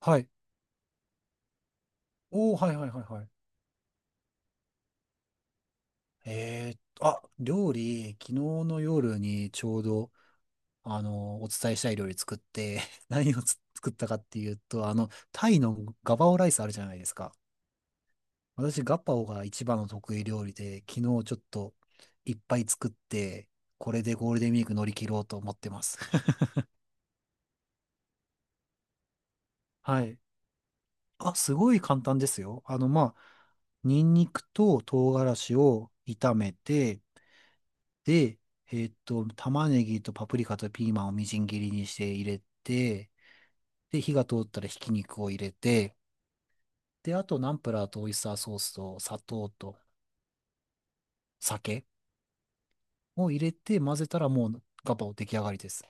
はい。おお、はいはいはいはい。あ、料理、昨日の夜にちょうど、お伝えしたい料理作って、何を作ったかっていうと、タイのガパオライスあるじゃないですか。私、ガパオが一番の得意料理で、昨日ちょっといっぱい作って、これでゴールデンウィーク乗り切ろうと思ってます。はい。あ、すごい簡単ですよ。まあ、ニンニクと唐辛子を炒めて、で、玉ねぎとパプリカとピーマンをみじん切りにして入れて、で、火が通ったらひき肉を入れて、で、あとナンプラーとオイスターソースと砂糖と酒を入れて混ぜたらもうガパオ出来上がりです。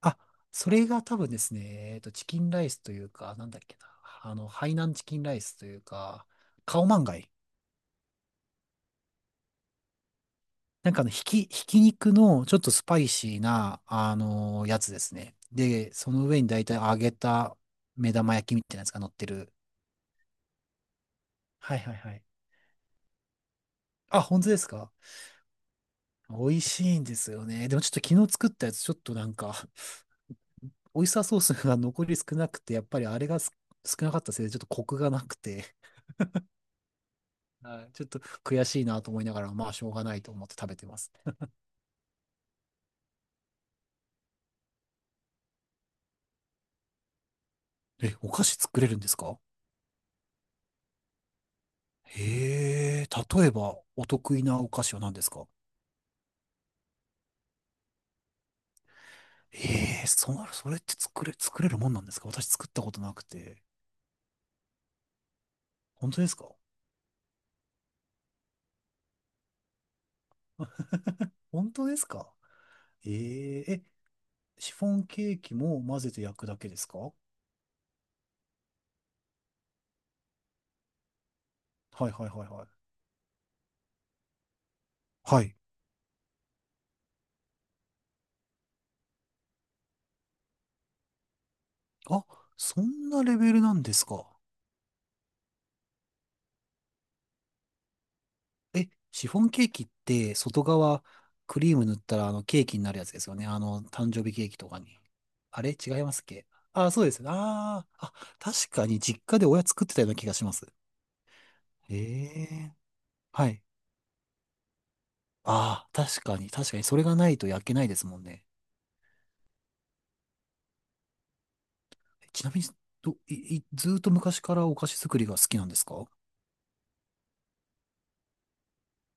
あ、それが多分ですね、チキンライスというか、なんだっけな、ハイナンチキンライスというか、カオマンガイなんかひき肉のちょっとスパイシーな、やつですね。で、その上に大体揚げた目玉焼きみたいなやつが乗ってる。はいはいはい。あ、本当ですか？美味しいんですよね。でもちょっと昨日作ったやつ、ちょっとなんか、オイスターソースが残り少なくて、やっぱりあれが少なかったせいで、ちょっとコクがなくて、はいちょっと悔しいなと思いながら、まあしょうがないと思って食べてます。え、お菓子作れるんですか？へえ、例えばお得意なお菓子は何ですか？ええーそれって作れるもんなんですか？私作ったことなくて。本当ですか？本当ですか？ええーえ、シフォンケーキも混ぜて焼くだけですか？はいはいはいはい。はい。あ、そんなレベルなんですか？え、シフォンケーキって外側クリーム塗ったらあのケーキになるやつですよね。あの誕生日ケーキとかに。あれ違いますっけ？あ、そうですね。あーあ、確かに実家で親作ってたような気がします。ええはい。ああ、確かに、確かに、それがないと焼けないですもんね。ちなみに、いずーっと昔からお菓子作りが好きなんですか？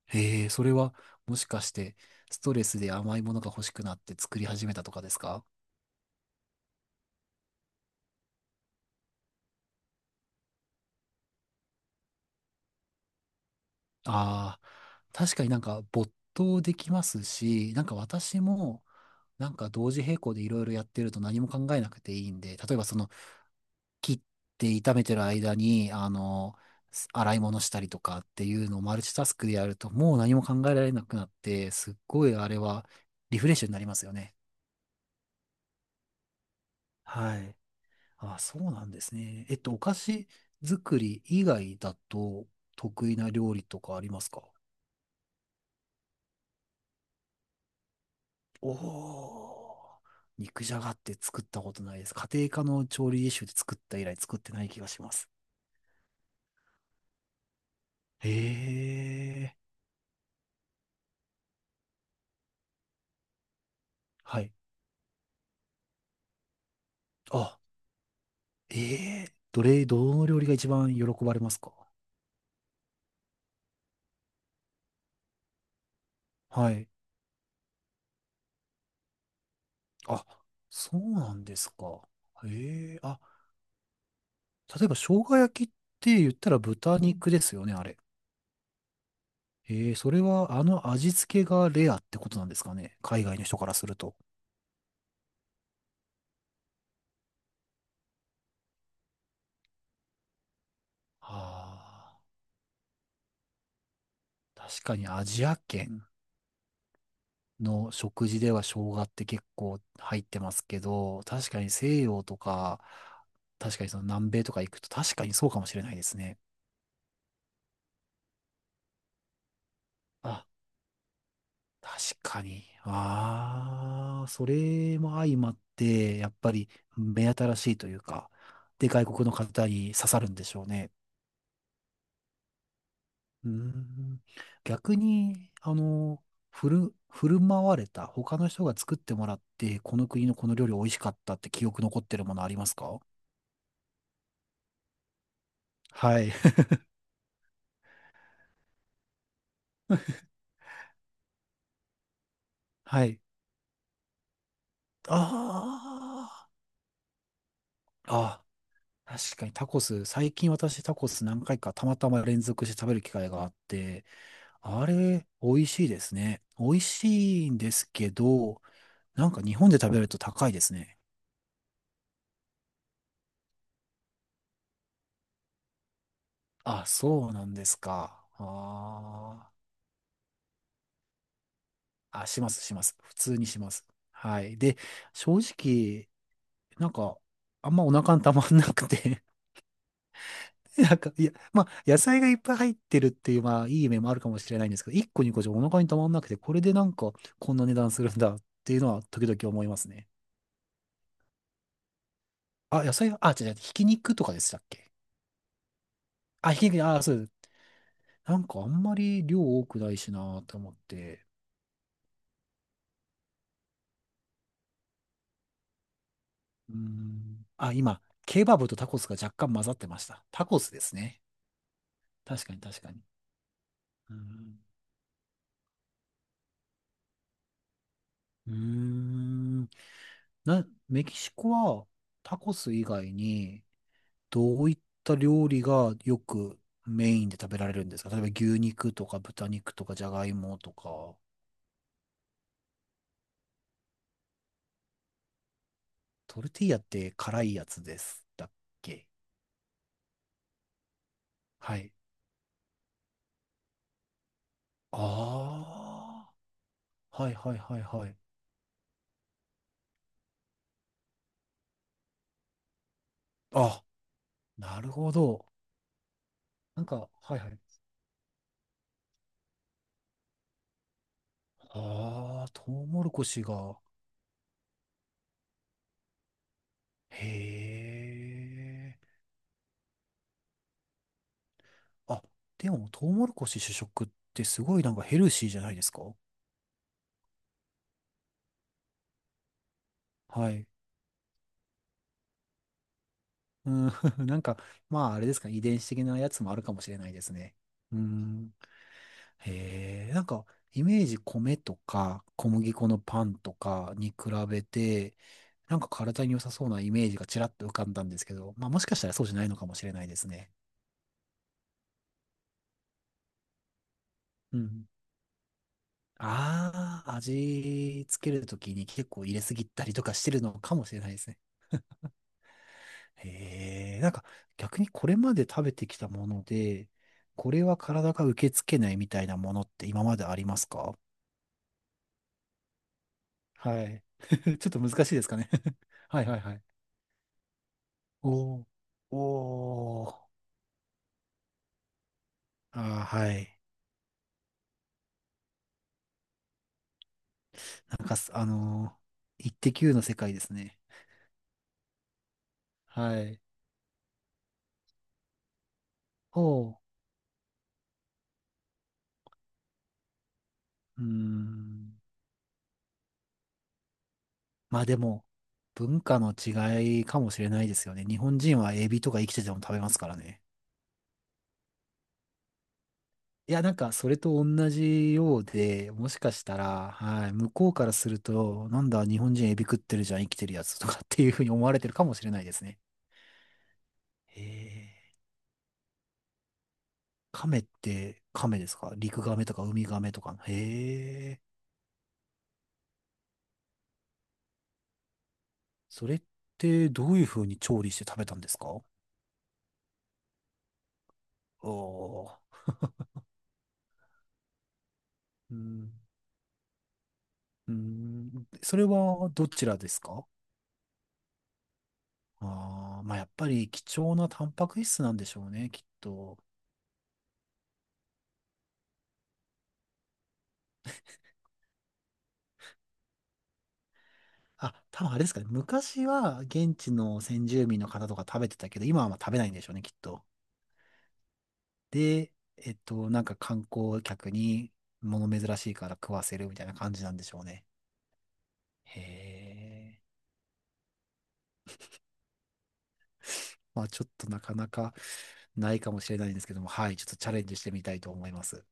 へえ、それは、もしかして、ストレスで甘いものが欲しくなって作り始めたとかですか？ああー、確かになんか没頭できますし、なんか私も、なんか同時並行でいろいろやってると何も考えなくていいんで、例えば切って炒めてる間に、洗い物したりとかっていうのをマルチタスクでやると、もう何も考えられなくなって、すっごいあれはリフレッシュになりますよね。はい。あ、そうなんですね。お菓子作り以外だと得意な料理とかありますか？おおー、肉じゃがって作ったことないです。家庭科の調理実習で作った以来作ってない気がします。へえ。はい。あ、えどの料理が一番喜ばれますか？はい。あ、そうなんですか。ええあ、例えば生姜焼きって言ったら豚肉ですよね、あれ。ええそれは味付けがレアってことなんですかね、海外の人からすると。ああ、確かにアジア圏の食事では生姜って結構入ってますけど、確かに西洋とか、確かにその南米とか行くと確かにそうかもしれないですね。あ確かに。ああ、それも相まって、やっぱり目新しいというか、で、外国の方に刺さるんでしょうね。うーん。逆に、振る舞われた、他の人が作ってもらって、この国のこの料理美味しかったって記憶残ってるものありますか？はい。はい。ああ、ああ、確かにタコス、最近私タコス何回かたまたま連続して食べる機会があって、あれ、美味しいですね。美味しいんですけど、なんか日本で食べると高いですね。あ、そうなんですか。あーあ、します、します。普通にします。はい。で、正直、なんか、あんまお腹にたまんなくて なんか、いや、まあ、野菜がいっぱい入ってるっていう、まあ、いい面もあるかもしれないんですけど、1個2個じゃお腹にたまんなくて、これでなんか、こんな値段するんだっていうのは、時々思いますね。あ、野菜、あ、違う違う、ひき肉とかでしたっけ？あ、ひき肉、あ、そうです。なんかあんまり量多くないしなーって思って。うーん。あ、今、ケバブとタコスが若干混ざってました。タコスですね。確かに確かに。うーん。うーんな、メキシコはタコス以外にどういった料理がよくメインで食べられるんですか？例えば牛肉とか豚肉とかじゃがいもとか。トルティーヤって辛いやつです。だっけ？はい。ああ。はいはいはいはい。あ、なるほど。なんか、はいはい。ああ、トウモロコシが。へえ。あ、でも、トウモロコシ主食ってすごいなんかヘルシーじゃないですか？はい。うん、なんか、まあ、あれですか、遺伝子的なやつもあるかもしれないですね。うん。へえ、なんか、イメージ米とか小麦粉のパンとかに比べて、なんか体に良さそうなイメージがちらっと浮かんだんですけど、まあもしかしたらそうじゃないのかもしれないですね。うん。ああ、味つけるときに結構入れすぎたりとかしてるのかもしれないですね。へえ、なんか逆にこれまで食べてきたもので、これは体が受け付けないみたいなものって今までありますか？はい。ちょっと難しいですかね？ はいはいはい。おー。おー。あーはい。なんかす、あのー、イッテ Q の世界ですね。はい。おー。うーん。まあでも、文化の違いかもしれないですよね。日本人はエビとか生きてても食べますからね。いや、なんか、それと同じようで、もしかしたら、はい、向こうからすると、なんだ、日本人エビ食ってるじゃん、生きてるやつとかっていうふうに思われてるかもしれないですね。へえ。亀って亀ですか？陸亀とか海亀とかの。へえ。それってどういうふうに調理して食べたんですか？おー。うん。うん。それはどちらですか？ああ、まあやっぱり貴重なタンパク質なんでしょうね、きっと。あ、多分あれですかね。昔は現地の先住民の方とか食べてたけど、今はまあ食べないんでしょうね、きっと。で、なんか観光客に物珍しいから食わせるみたいな感じなんでしょうね。へえ。まあちょっとなかなかないかもしれないんですけども、はい、ちょっとチャレンジしてみたいと思います。